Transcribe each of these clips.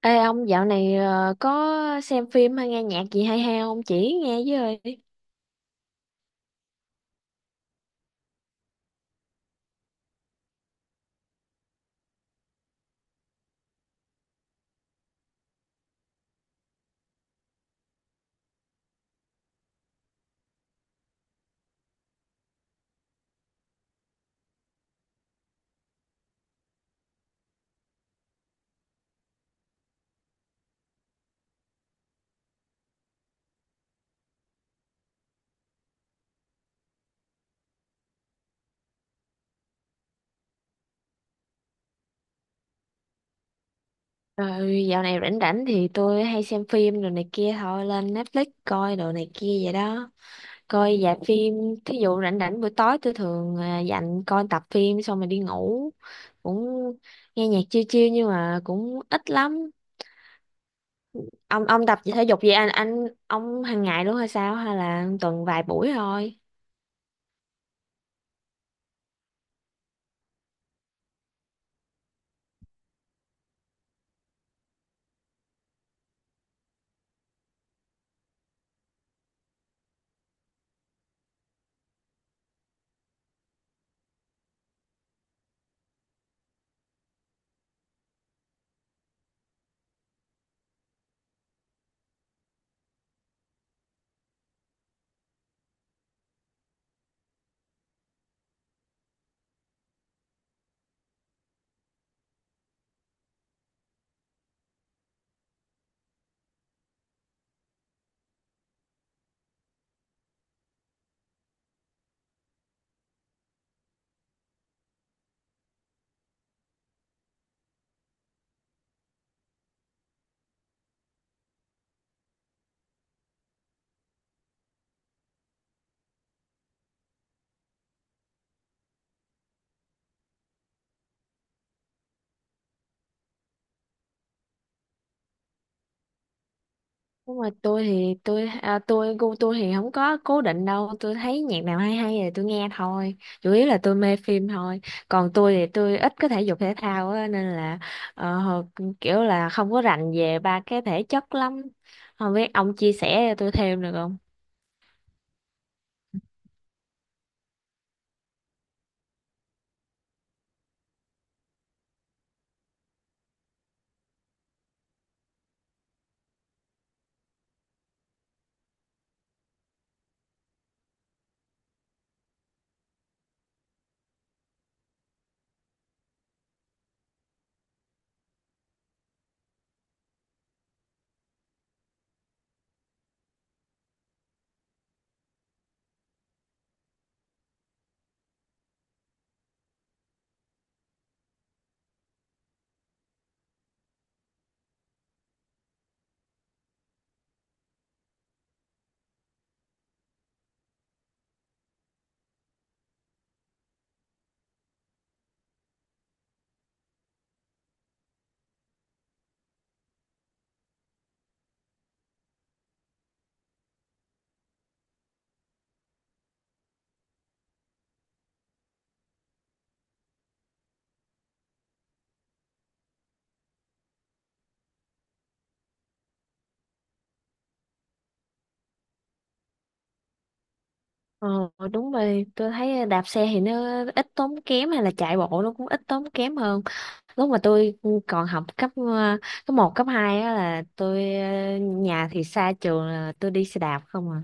Ê ông dạo này có xem phim hay nghe nhạc gì hay hay không? Chỉ nghe với ơi. Rồi dạo này rảnh rảnh thì tôi hay xem phim rồi này kia thôi, lên Netflix coi đồ này kia vậy đó, coi dạp phim. Thí dụ rảnh rảnh buổi tối tôi thường dành coi tập phim xong rồi đi ngủ, cũng nghe nhạc chill chill nhưng mà cũng ít lắm. Ông tập thể dục gì, anh ông hàng ngày luôn hay sao hay là tuần vài buổi thôi? Nhưng mà tôi thì tôi tôi gu tôi thì không có cố định đâu, tôi thấy nhạc nào hay hay thì tôi nghe thôi, chủ yếu là tôi mê phim thôi. Còn tôi thì tôi ít có thể dục thể thao á, nên là ờ, hồi- kiểu là không có rành về ba cái thể chất lắm, không biết ông chia sẻ cho tôi thêm được không? Ờ, đúng rồi, tôi thấy đạp xe thì nó ít tốn kém, hay là chạy bộ nó cũng ít tốn kém hơn. Lúc mà tôi còn học cấp cấp một cấp 2 á là tôi, nhà thì xa trường là tôi đi xe đạp không à.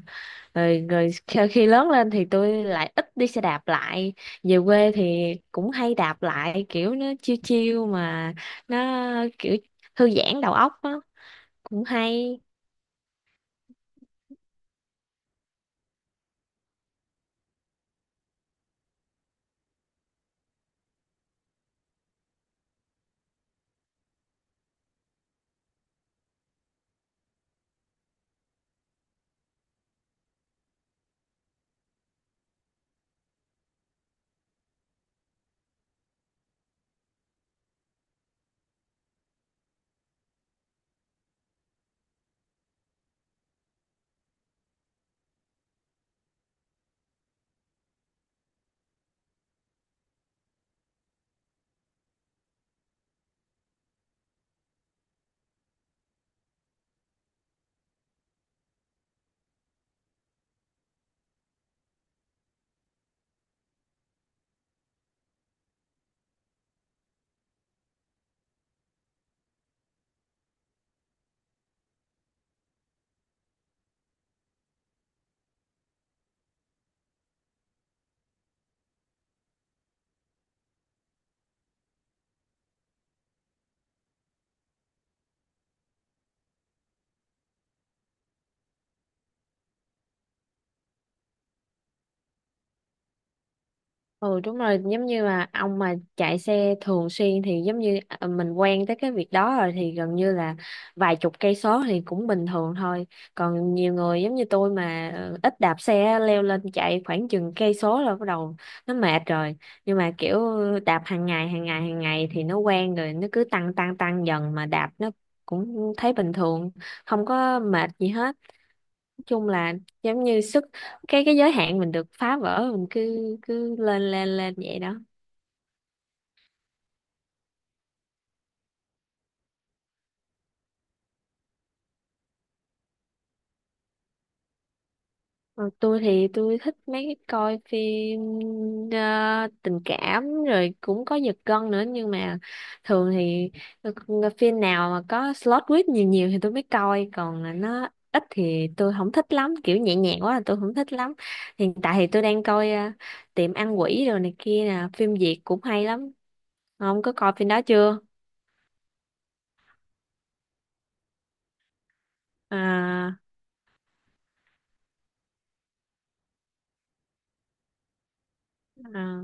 Rồi, rồi khi khi lớn lên thì tôi lại ít đi xe đạp lại, về quê thì cũng hay đạp lại, kiểu nó chiêu chiêu mà, nó kiểu thư giãn đầu óc á, cũng hay. Ừ đúng rồi, giống như là ông mà chạy xe thường xuyên thì giống như mình quen tới cái việc đó rồi thì gần như là vài chục cây số thì cũng bình thường thôi. Còn nhiều người giống như tôi mà ít đạp xe, leo lên chạy khoảng chừng cây số là bắt đầu nó mệt rồi. Nhưng mà kiểu đạp hàng ngày hàng ngày hàng ngày thì nó quen rồi, nó cứ tăng tăng tăng dần mà đạp, nó cũng thấy bình thường, không có mệt gì hết. Chung là giống như sức, cái giới hạn mình được phá vỡ, mình cứ cứ lên lên lên vậy đó. Còn tôi thì tôi thích mấy cái coi phim tình cảm rồi cũng có giật gân nữa, nhưng mà thường thì phim nào mà có slot twist nhiều nhiều thì tôi mới coi, còn nó ít thì tôi không thích lắm, kiểu nhẹ nhàng quá là tôi không thích lắm. Hiện tại thì tôi đang coi Tiệm Ăn Quỷ rồi này kia nè, phim Việt cũng hay lắm. Không có coi phim đó chưa? À, à,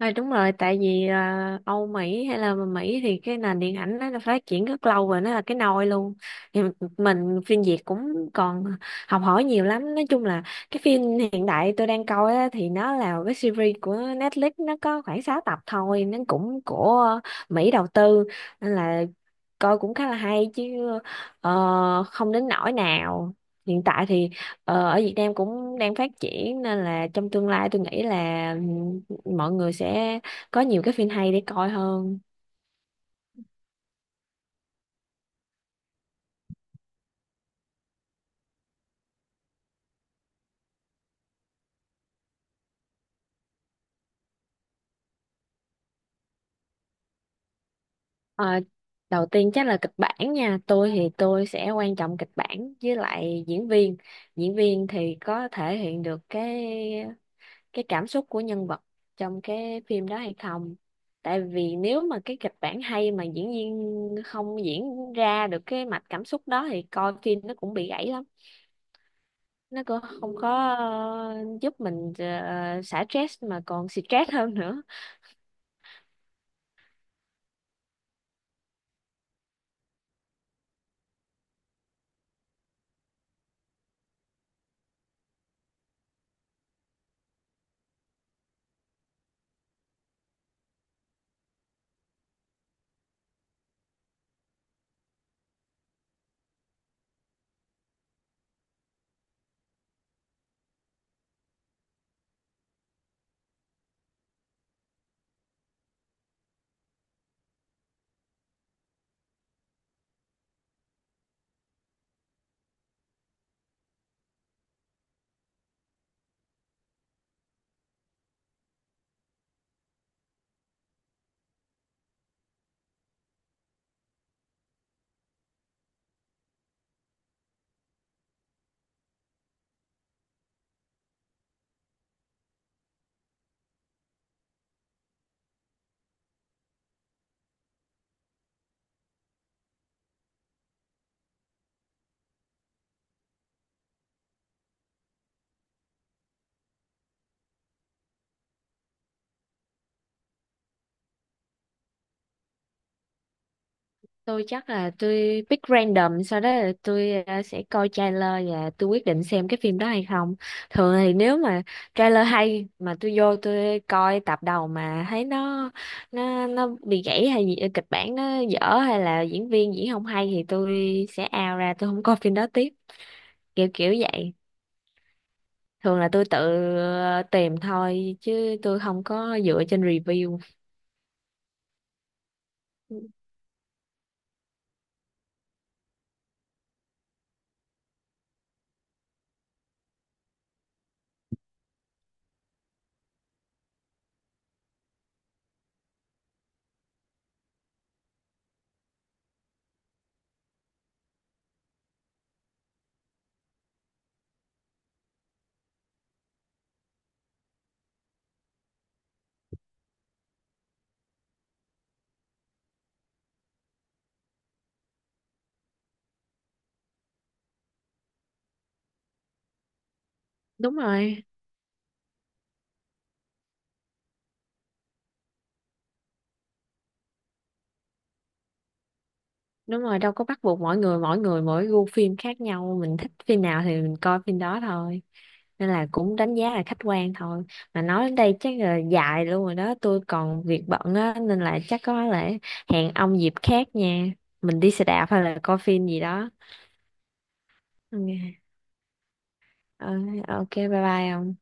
thôi đúng rồi, tại vì Âu Mỹ hay là Mỹ thì cái nền điện ảnh nó đã phát triển rất lâu rồi, nó là cái nôi luôn. Thì mình phim Việt cũng còn học hỏi nhiều lắm. Nói chung là cái phim hiện đại tôi đang coi á, thì nó là cái series của Netflix, nó có khoảng 6 tập thôi, nó cũng của Mỹ đầu tư, nên là coi cũng khá là hay chứ, không đến nỗi nào. Hiện tại thì ở Việt Nam cũng đang phát triển, nên là trong tương lai tôi nghĩ là mọi người sẽ có nhiều cái phim hay để coi hơn. Ờ, đầu tiên chắc là kịch bản nha, tôi thì tôi sẽ quan trọng kịch bản với lại diễn viên. Diễn viên thì có thể hiện được cái cảm xúc của nhân vật trong cái phim đó hay không, tại vì nếu mà cái kịch bản hay mà diễn viên không diễn ra được cái mạch cảm xúc đó thì coi phim nó cũng bị gãy lắm, nó cũng không có ờ, giúp mình xả stress mà còn stress hơn nữa. Tôi chắc là tôi pick random, sau đó là tôi sẽ coi trailer và tôi quyết định xem cái phim đó hay không. Thường thì nếu mà trailer hay mà tôi vô tôi coi tập đầu mà thấy nó, nó bị gãy hay gì, kịch bản nó dở hay là diễn viên diễn không hay thì tôi sẽ out ra, tôi không coi phim đó tiếp, kiểu kiểu vậy. Thường là tôi tự tìm thôi chứ tôi không có dựa trên review. Đúng rồi, đúng rồi, đâu có bắt buộc, mỗi người mỗi người mỗi gu phim khác nhau, mình thích phim nào thì mình coi phim đó thôi, nên là cũng đánh giá là khách quan thôi. Mà nói đến đây chắc là dài luôn rồi đó, tôi còn việc bận á, nên là chắc có lẽ hẹn ông dịp khác nha, mình đi xe đạp hay là coi phim gì đó. Ok. Ờ, ok, bye bye ông.